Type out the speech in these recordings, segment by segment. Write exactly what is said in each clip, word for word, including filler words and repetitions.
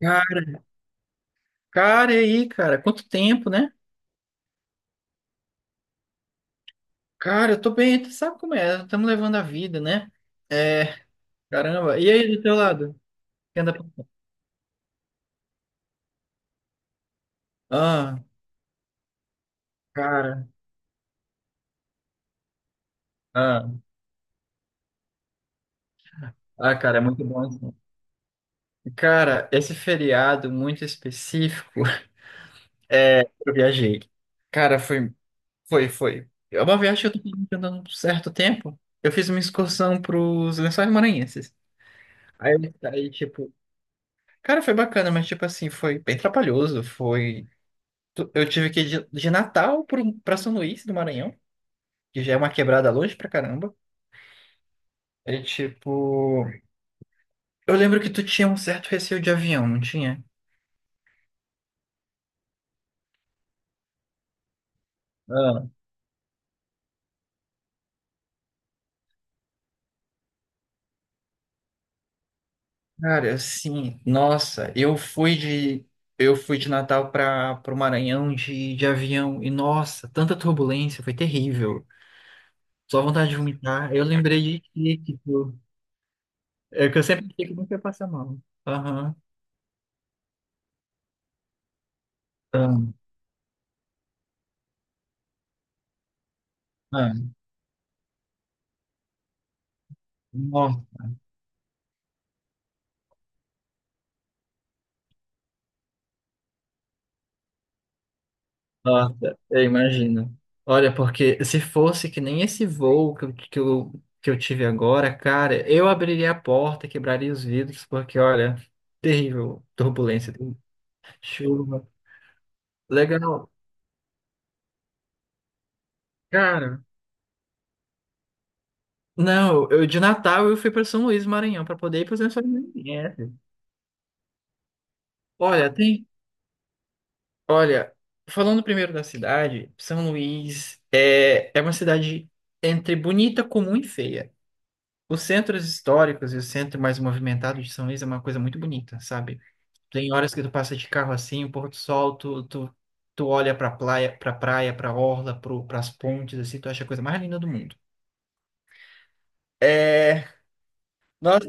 Cara, cara, e aí, cara? Quanto tempo, né? Cara, eu tô bem, tu sabe como é? Estamos levando a vida, né? É, caramba. E aí, do teu lado? Que anda pensando? Ah, cara. Ah, ah, cara, é muito bom isso. Cara, esse feriado muito específico, eu viajei. Cara, foi, foi, foi. É uma viagem que eu tô planejando há um certo tempo. Eu fiz uma excursão pros Lençóis Maranhenses. Aí, aí, tipo, cara, foi bacana, mas, tipo assim, foi bem trabalhoso, foi Tu- Eu tive que ir de, de Natal pro- pra São Luís do Maranhão, que já é uma quebrada longe pra caramba. É tipo. Eu lembro que tu tinha um certo receio de avião, não tinha? Ah, cara, assim, nossa, eu fui de. Eu fui de Natal para o Maranhão de, de avião e, nossa, tanta turbulência, foi terrível. Só vontade de vomitar. Eu lembrei de que, tipo, é que eu sempre achei que nunca ia passar mal. Aham. Ah, ah. Nossa, eu imagino. Olha, porque se fosse que nem esse voo que, eu- que eu, que eu tive agora, cara, eu abriria a porta, quebraria os vidros, porque, olha, terrível turbulência, chuva. Legal. Cara, não, eu de Natal eu fui para São Luís, Maranhão, para poder ir para os Lençóis Maranhenses. Olha, tem. Olha, falando primeiro da cidade, São Luís é, é uma cidade entre bonita, comum e feia. Os centros históricos e o centro mais movimentado de São Luís é uma coisa muito bonita, sabe? Tem horas que tu passa de carro assim, o pôr do sol, tu, tu, tu olha pra praia, pra praia, pra orla, pro, pras pontes, assim, tu acha a coisa mais linda do mundo. É, nós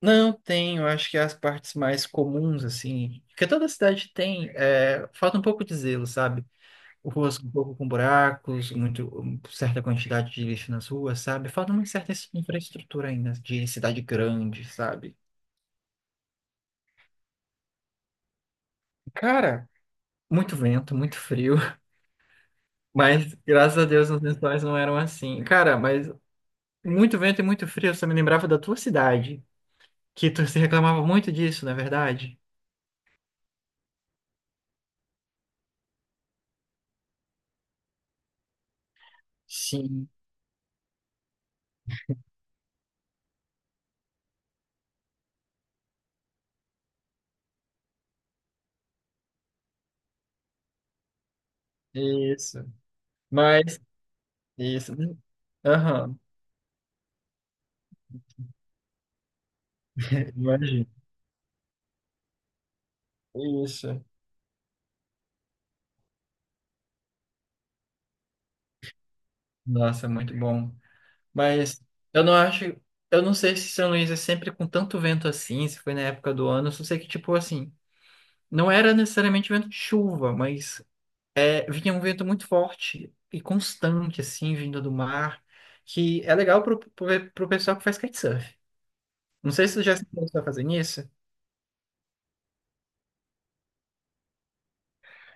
não tem, eu acho que as partes mais comuns, assim, porque toda cidade tem, é, falta um pouco de zelo, sabe? Ruas um pouco com buracos, muito, um- certa quantidade de lixo nas ruas, sabe? Falta uma certa infraestrutura ainda de cidade grande, sabe? Cara, muito vento, muito frio. Mas graças a Deus os lençóis não eram assim. Cara, mas muito vento e muito frio, você me lembrava da tua cidade, que tu se reclamava muito disso, não é verdade? Sim, isso. Mas, isso. Aham, imagina. Isso. Nossa, muito bom. Mas eu não acho. Eu não sei se São Luís é sempre com tanto vento assim, se foi na época do ano. Eu só sei que, tipo, assim, não era necessariamente vento de chuva, mas é, vinha um vento muito forte e constante, assim, vindo do mar, que é legal pro, pro, pro pessoal que faz kitesurf. Não sei se você já se começou a fazer isso.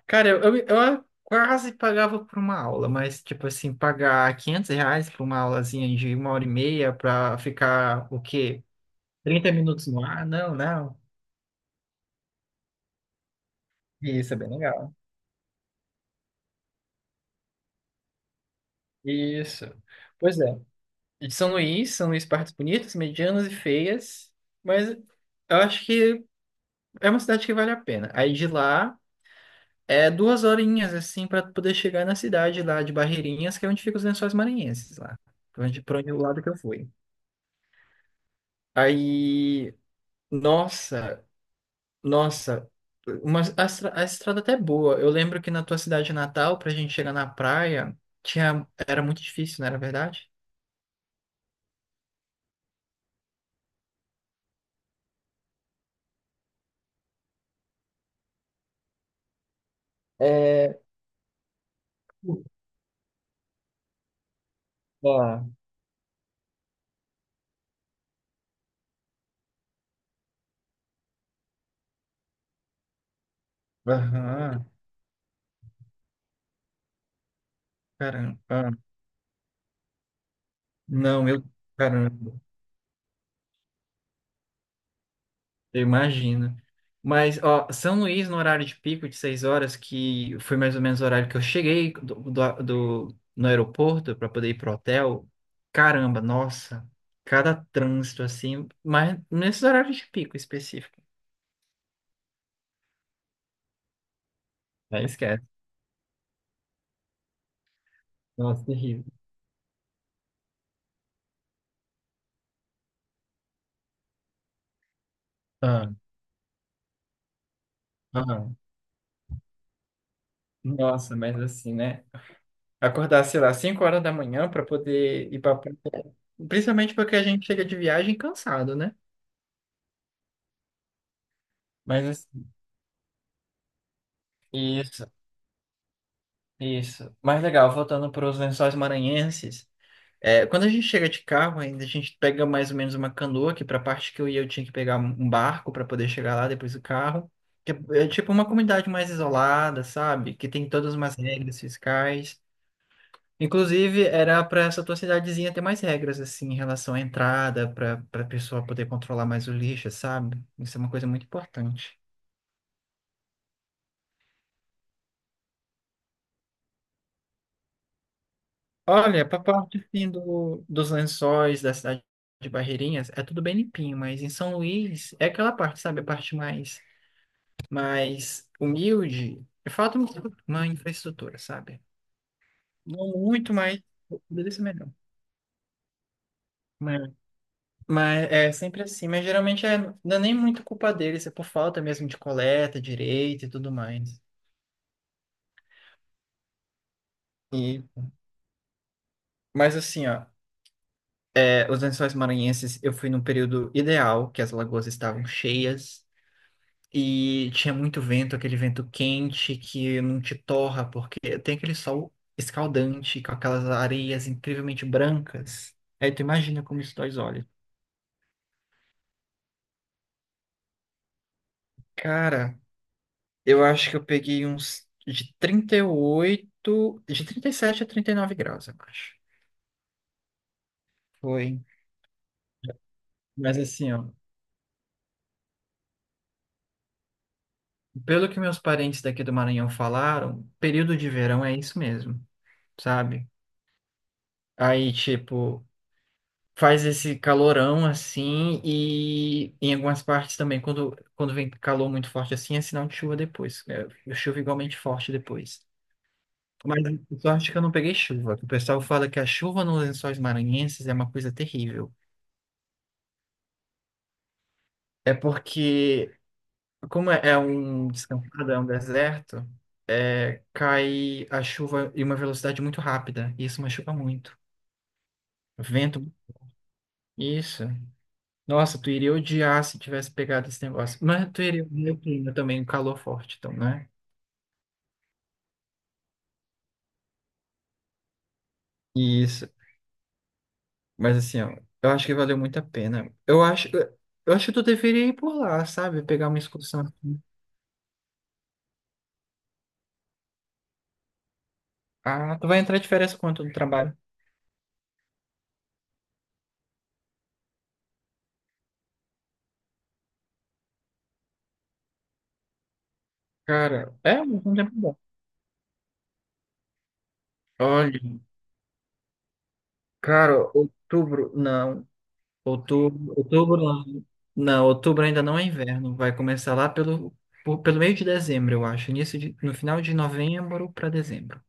Cara, eu, eu, eu quase pagava por uma aula, mas, tipo assim, pagar quinhentos reais por uma aulazinha de uma hora e meia pra ficar, o quê? Trinta minutos no ar? Não, não. Isso é bem legal. Isso. Pois é. E de São Luís, São Luís partes bonitas, medianas e feias, mas eu acho que é uma cidade que vale a pena. Aí de lá é duas horinhas assim para poder chegar na cidade lá de Barreirinhas, que é onde ficam os Lençóis Maranhenses lá, pra onde para onde o lado que eu fui. Aí, nossa, nossa, uma, a, estra- a estrada até é boa. Eu lembro que na tua cidade natal, pra gente chegar na praia, tinha era muito difícil, não era verdade? É. Ufa. Aham. Caramba. Não, eu. Caramba. Eu imagino. Mas, ó, São Luís, no horário de pico de seis horas, que foi mais ou menos o horário que eu cheguei do, do, do- no aeroporto para poder ir pro hotel, caramba, nossa, cada trânsito assim, mas nesses horários de pico específico, aí esquece. Nossa, terrível. Ah, ah, nossa, mas assim, né? Acordar, sei lá, cinco horas da manhã para poder ir para. Principalmente porque a gente chega de viagem cansado, né? Mas assim, isso. Isso. Mas legal, voltando para os Lençóis Maranhenses. é, quando a gente chega de carro, ainda a gente pega mais ou menos uma canoa, que para a parte que eu ia eu tinha que pegar um um barco para poder chegar lá depois do carro. Que é, é tipo uma comunidade mais isolada, sabe? Que tem todas umas regras fiscais. Inclusive, era para essa tua cidadezinha ter mais regras, assim, em relação à entrada, para para a pessoa poder controlar mais o lixo, sabe? Isso é uma coisa muito importante. Olha, para a parte assim, do, dos lençóis da cidade de Barreirinhas, é tudo bem limpinho, mas em São Luís é aquela parte, sabe? A parte mais, mais humilde. é Falta uma uma infraestrutura, sabe? Não muito, mas poderia ser melhor. Mas, mas é sempre assim. Mas geralmente é, não é nem muito culpa deles, é por falta mesmo de coleta, direito e tudo mais. E, mas assim, ó, é, os lençóis maranhenses, eu fui num período ideal, que as lagoas estavam cheias. E tinha muito vento, aquele vento quente que não te torra, porque tem aquele sol escaldante com aquelas areias incrivelmente brancas. Aí tu imagina como isso dói os olhos. Cara, eu acho que eu peguei uns de trinta e oito de trinta e sete a trinta e nove graus, eu acho. Foi. Mas assim, ó, pelo que meus parentes daqui do Maranhão falaram, período de verão é isso mesmo, sabe? Aí, tipo, faz esse calorão assim e em algumas partes também quando quando vem calor muito forte assim é sinal de chuva depois é, chuva igualmente forte depois mas eu só acho que eu não peguei chuva que o pessoal fala que a chuva nos Lençóis Maranhenses é uma coisa terrível é porque como é é um descampado é um deserto é, cai a chuva em uma velocidade muito rápida e isso machuca muito vento isso. Nossa, tu iria odiar se tivesse pegado esse negócio. Mas tu iria ver o clima também, o calor forte, então, né? Isso. Mas assim, ó, eu acho que valeu muito a pena. Eu acho, eu acho que tu deveria ir por lá, sabe? Pegar uma excursão. Ah, tu vai entrar de férias quanto no trabalho? Cara, é um tempo bom. Olha, cara, outubro, não. Outubro, outubro não. Não, outubro ainda não é inverno. Vai começar lá pelo, por- pelo meio de dezembro, eu acho. Início de, no final de novembro para dezembro.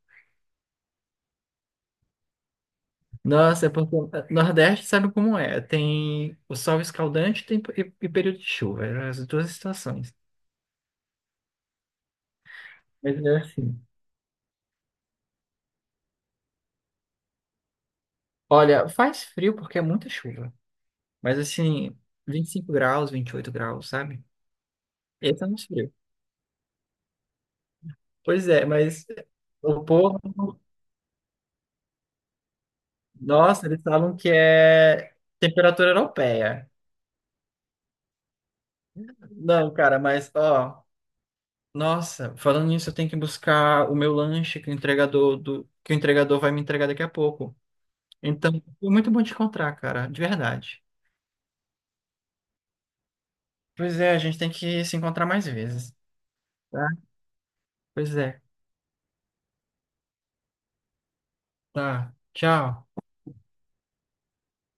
Nossa, é porque o Nordeste sabe como é. Tem o sol escaldante tem, e, e período de chuva. Eram as duas situações. Mas é assim. Olha, faz frio porque é muita chuva. Mas assim, vinte e cinco graus, vinte e oito graus, sabe? Esse é muito frio. Pois é, mas o povo, nossa, eles falam que é temperatura europeia. Não, cara, mas ó, nossa, falando nisso, eu tenho que buscar o meu lanche que o entregador do que o entregador vai me entregar daqui a pouco. Então, foi muito bom te encontrar, cara, de verdade. Pois é, a gente tem que se encontrar mais vezes, tá? Pois é, tá. Tchau.